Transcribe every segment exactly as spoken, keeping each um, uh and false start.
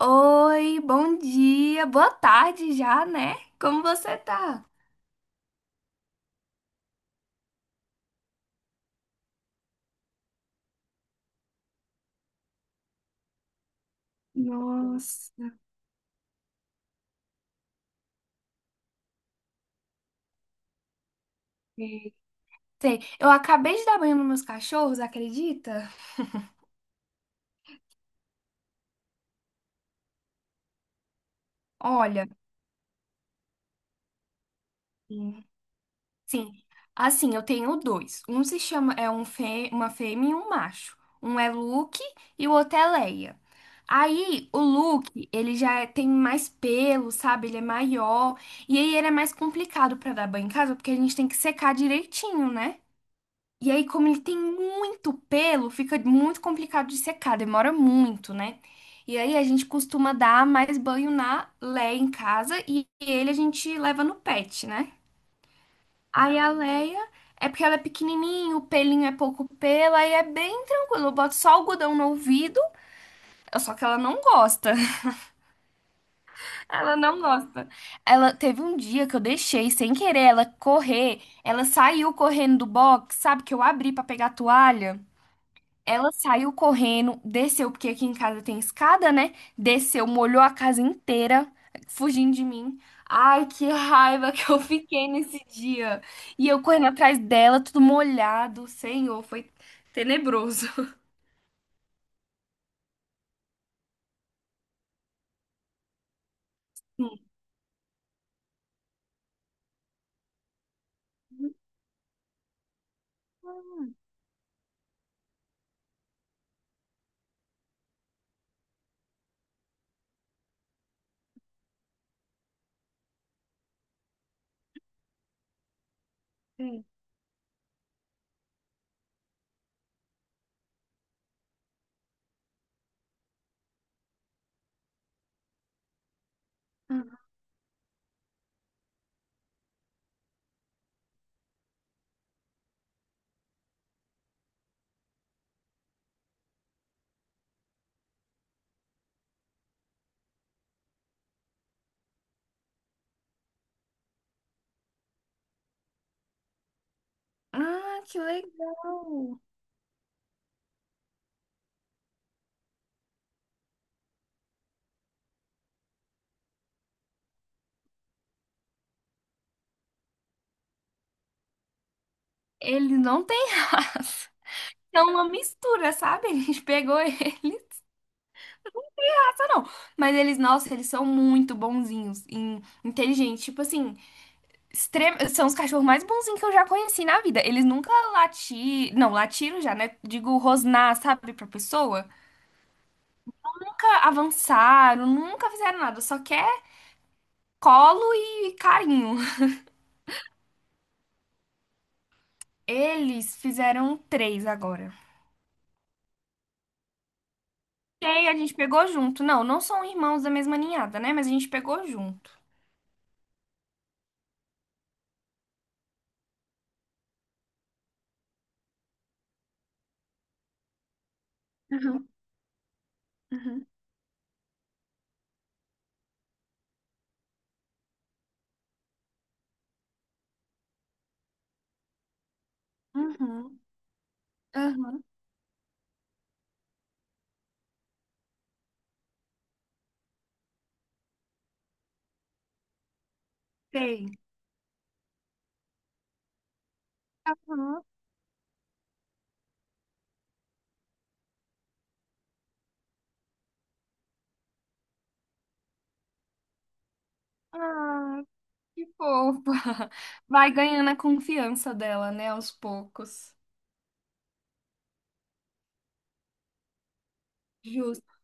Oi, bom dia, boa tarde já, né? Como você tá? Nossa, velho. Sei, eu acabei de dar banho nos meus cachorros, acredita? Olha, sim, sim, assim, eu tenho dois. Um se chama, é um fê, uma fêmea e um macho. Um é Luke e o outro é Leia. Aí, o Luke, ele já é- tem mais pelo, sabe? Ele é maior. E aí, ele é mais complicado pra dar banho em casa, porque a gente tem que secar direitinho, né? E aí, como ele tem muito pelo, fica muito complicado de secar, demora muito, né? E aí a gente costuma dar mais banho na Leia em casa e ele a gente leva no pet, né? Aí a Leia é porque ela é pequenininha, o pelinho é pouco pelo, aí é bem tranquilo. Eu boto só algodão no ouvido, só que ela não gosta. Ela não gosta. Ela teve um dia que eu deixei sem querer ela correr, ela saiu correndo do box, sabe? Que eu abri pra pegar a toalha. Ela saiu correndo, desceu, porque aqui em casa tem escada, né? Desceu, molhou a casa inteira, fugindo de mim. Ai, que raiva que eu fiquei nesse dia. E eu correndo atrás dela, tudo molhado. Senhor, foi tenebroso. Ah, sim. Ah, que legal. Ele não tem raça. É uma mistura, sabe? A gente pegou ele. Raça não. Mas eles, nossa, eles são muito bonzinhos, e inteligentes. Tipo assim. Extrem- São os cachorros mais bonzinhos que eu já conheci na vida. Eles nunca latiram. Não, latiram já, né? Digo, rosnar, sabe, pra pessoa. Nunca avançaram, nunca fizeram nada. Só quer colo e carinho. Eles fizeram três agora. E aí a gente pegou junto. Não, não são irmãos da mesma ninhada, né? Mas a gente pegou junto. Uhum, uhum, uhum, uhum, sei. Uhum. Ah, que fofa. Vai ganhando a confiança dela, né, aos poucos. Justo.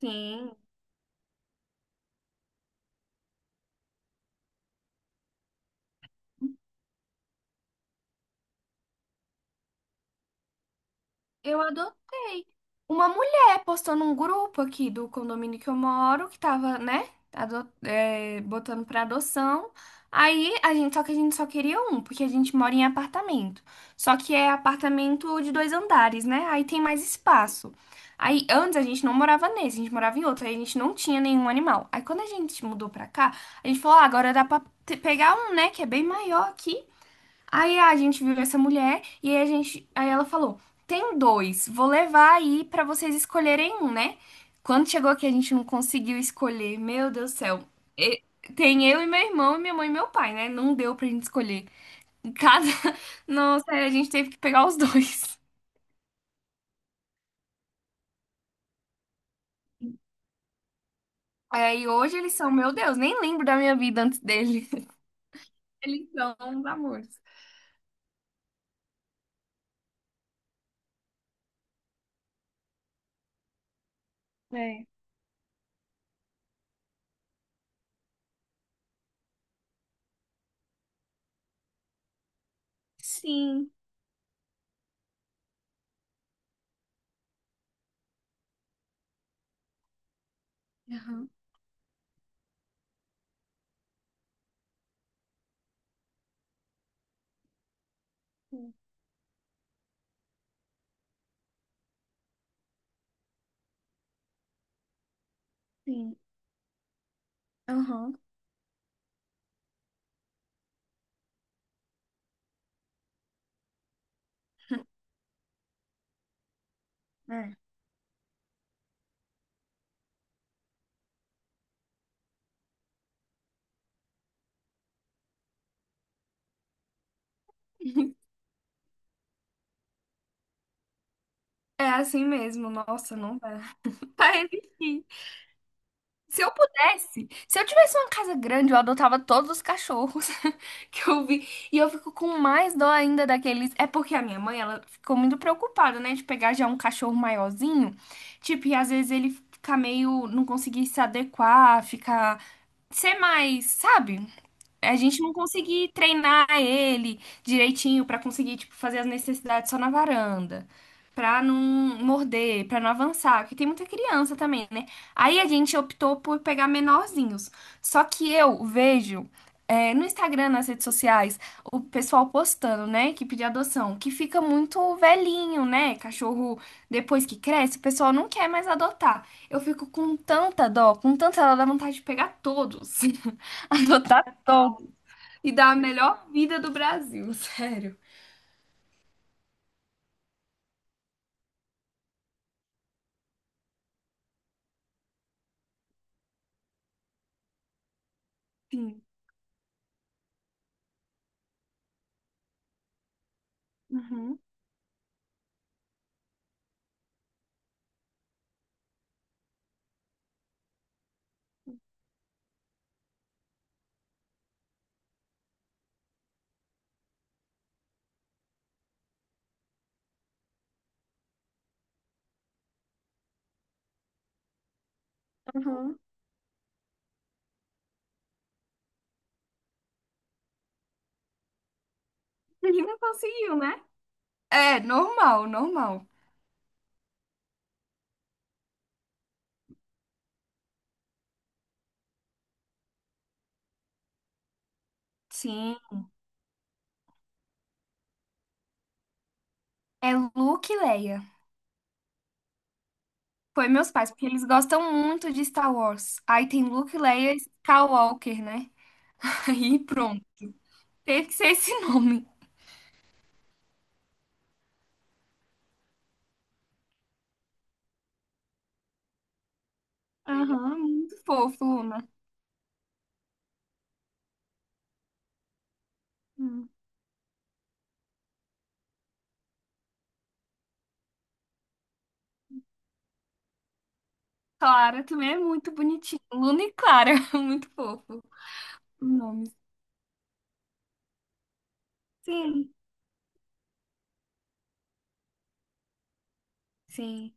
Sim, eu adotei. Uma mulher postou num grupo aqui do condomínio que eu moro, que tava, né, ado- é, botando pra adoção. Aí a gente, só que a gente só queria um, porque a gente mora em apartamento. Só que é apartamento de dois andares, né? Aí tem mais espaço. Aí antes a gente não morava nesse, a gente morava em outro, aí a gente não tinha nenhum animal. Aí quando a gente mudou pra cá, a gente falou, ah, agora dá pra te- pegar um, né, que é bem maior aqui. Aí a gente viu essa mulher e aí a gente, aí ela falou: "Tem dois, vou levar aí pra vocês escolherem um, né?" Quando chegou aqui a gente não conseguiu escolher. Meu Deus do céu. E- tem eu e meu irmão, e minha mãe e meu pai, né? Não deu pra gente escolher. Em cada nossa, a gente teve que pegar os dois. Aí hoje eles são, meu Deus, nem lembro da minha vida antes deles. Eles são uns amores. É. Sim. Aham. Sim. Aham. É. É assim mesmo, nossa, não vai. Pra resistir. Se eu pudesse, se eu tivesse uma casa grande, eu adotava todos os cachorros que eu vi. E eu fico com mais dó ainda daqueles. É porque a minha mãe, ela ficou muito preocupada, né, de pegar já um cachorro maiorzinho. Tipo, e às vezes ele fica meio, não conseguir se adequar, ficar, ser mais, sabe? A gente não conseguir treinar ele direitinho pra conseguir, tipo, fazer as necessidades só na varanda. Pra não morder, pra não avançar, porque tem muita criança também, né? Aí a gente optou por pegar menorzinhos. Só que eu vejo é, no Instagram, nas redes sociais, o pessoal postando, né, que pedir adoção, que fica muito velhinho, né? Cachorro, depois que cresce, o pessoal não quer mais adotar. Eu fico com tanta dó, com tanta dó, dá vontade de pegar todos, adotar todos e dar a melhor vida do Brasil, sério. Sim. Uhum. Uhum. E não conseguiu, né? É, normal, normal. Sim. É Luke e Leia. Foi meus pais, porque eles gostam muito de Star Wars. Aí tem Luke, Leia e Skywalker, né? Aí pronto. Teve que ser esse nome. Aham. Muito fofo, Luna. Clara também é muito bonitinho. Luna e Clara, muito fofo. Os nomes. Sim, sim.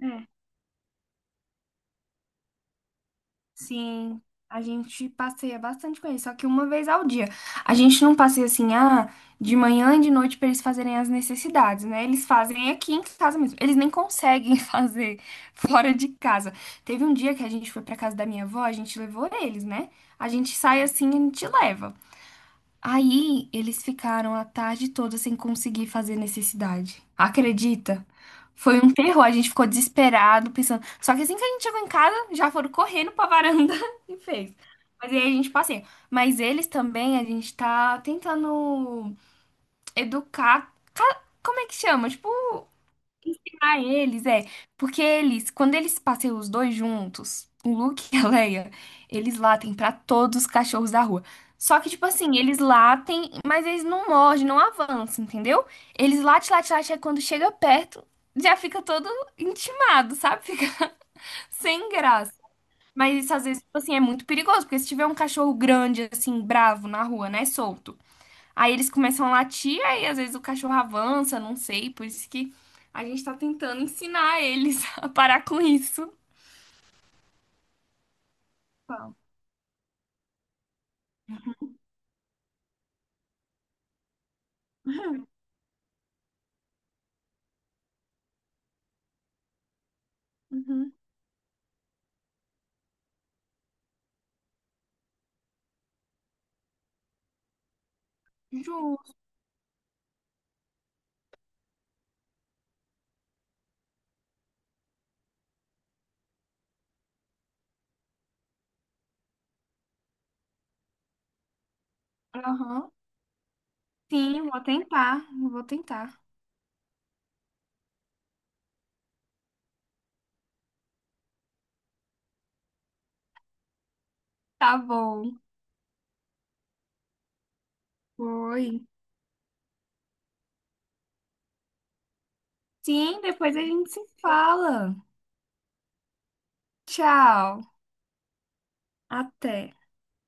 É. Sim. A gente passeia bastante com eles, só que uma vez ao dia. A gente não passeia assim, ah, de manhã e de noite para eles fazerem as necessidades, né? Eles fazem aqui em casa mesmo. Eles nem conseguem fazer fora de casa. Teve um dia que a gente foi para casa da minha avó, a gente levou eles, né? A gente sai assim, a gente leva. Aí eles ficaram a tarde toda sem conseguir fazer necessidade. Acredita? Foi um terror, a gente ficou desesperado, pensando. Só que assim que a gente chegou em casa, já foram correndo pra varanda e fez. Mas aí a gente passeia. Mas eles também, a gente tá tentando educar. ca- Como é que chama? Tipo, ah, eles, é. Porque eles, quando eles passeiam os dois juntos, o Luke e a Leia, eles latem pra todos os cachorros da rua. Só que, tipo assim, eles latem, mas eles não mordem, não avançam, entendeu? Eles latem, latem, latem, aí quando chega perto, já fica todo intimado, sabe? Fica sem graça. Mas isso, às vezes, tipo assim, é muito perigoso, porque se tiver um cachorro grande, assim, bravo na rua, né, solto. Aí eles começam a latir, aí às vezes o cachorro avança, não sei, por isso que a gente tá tentando ensinar eles a parar com isso. Tá. Uhum. Justo. Aham. Sim, vou tentar, vou tentar. Tá bom. Foi. Sim, depois a gente se fala. Tchau. Até.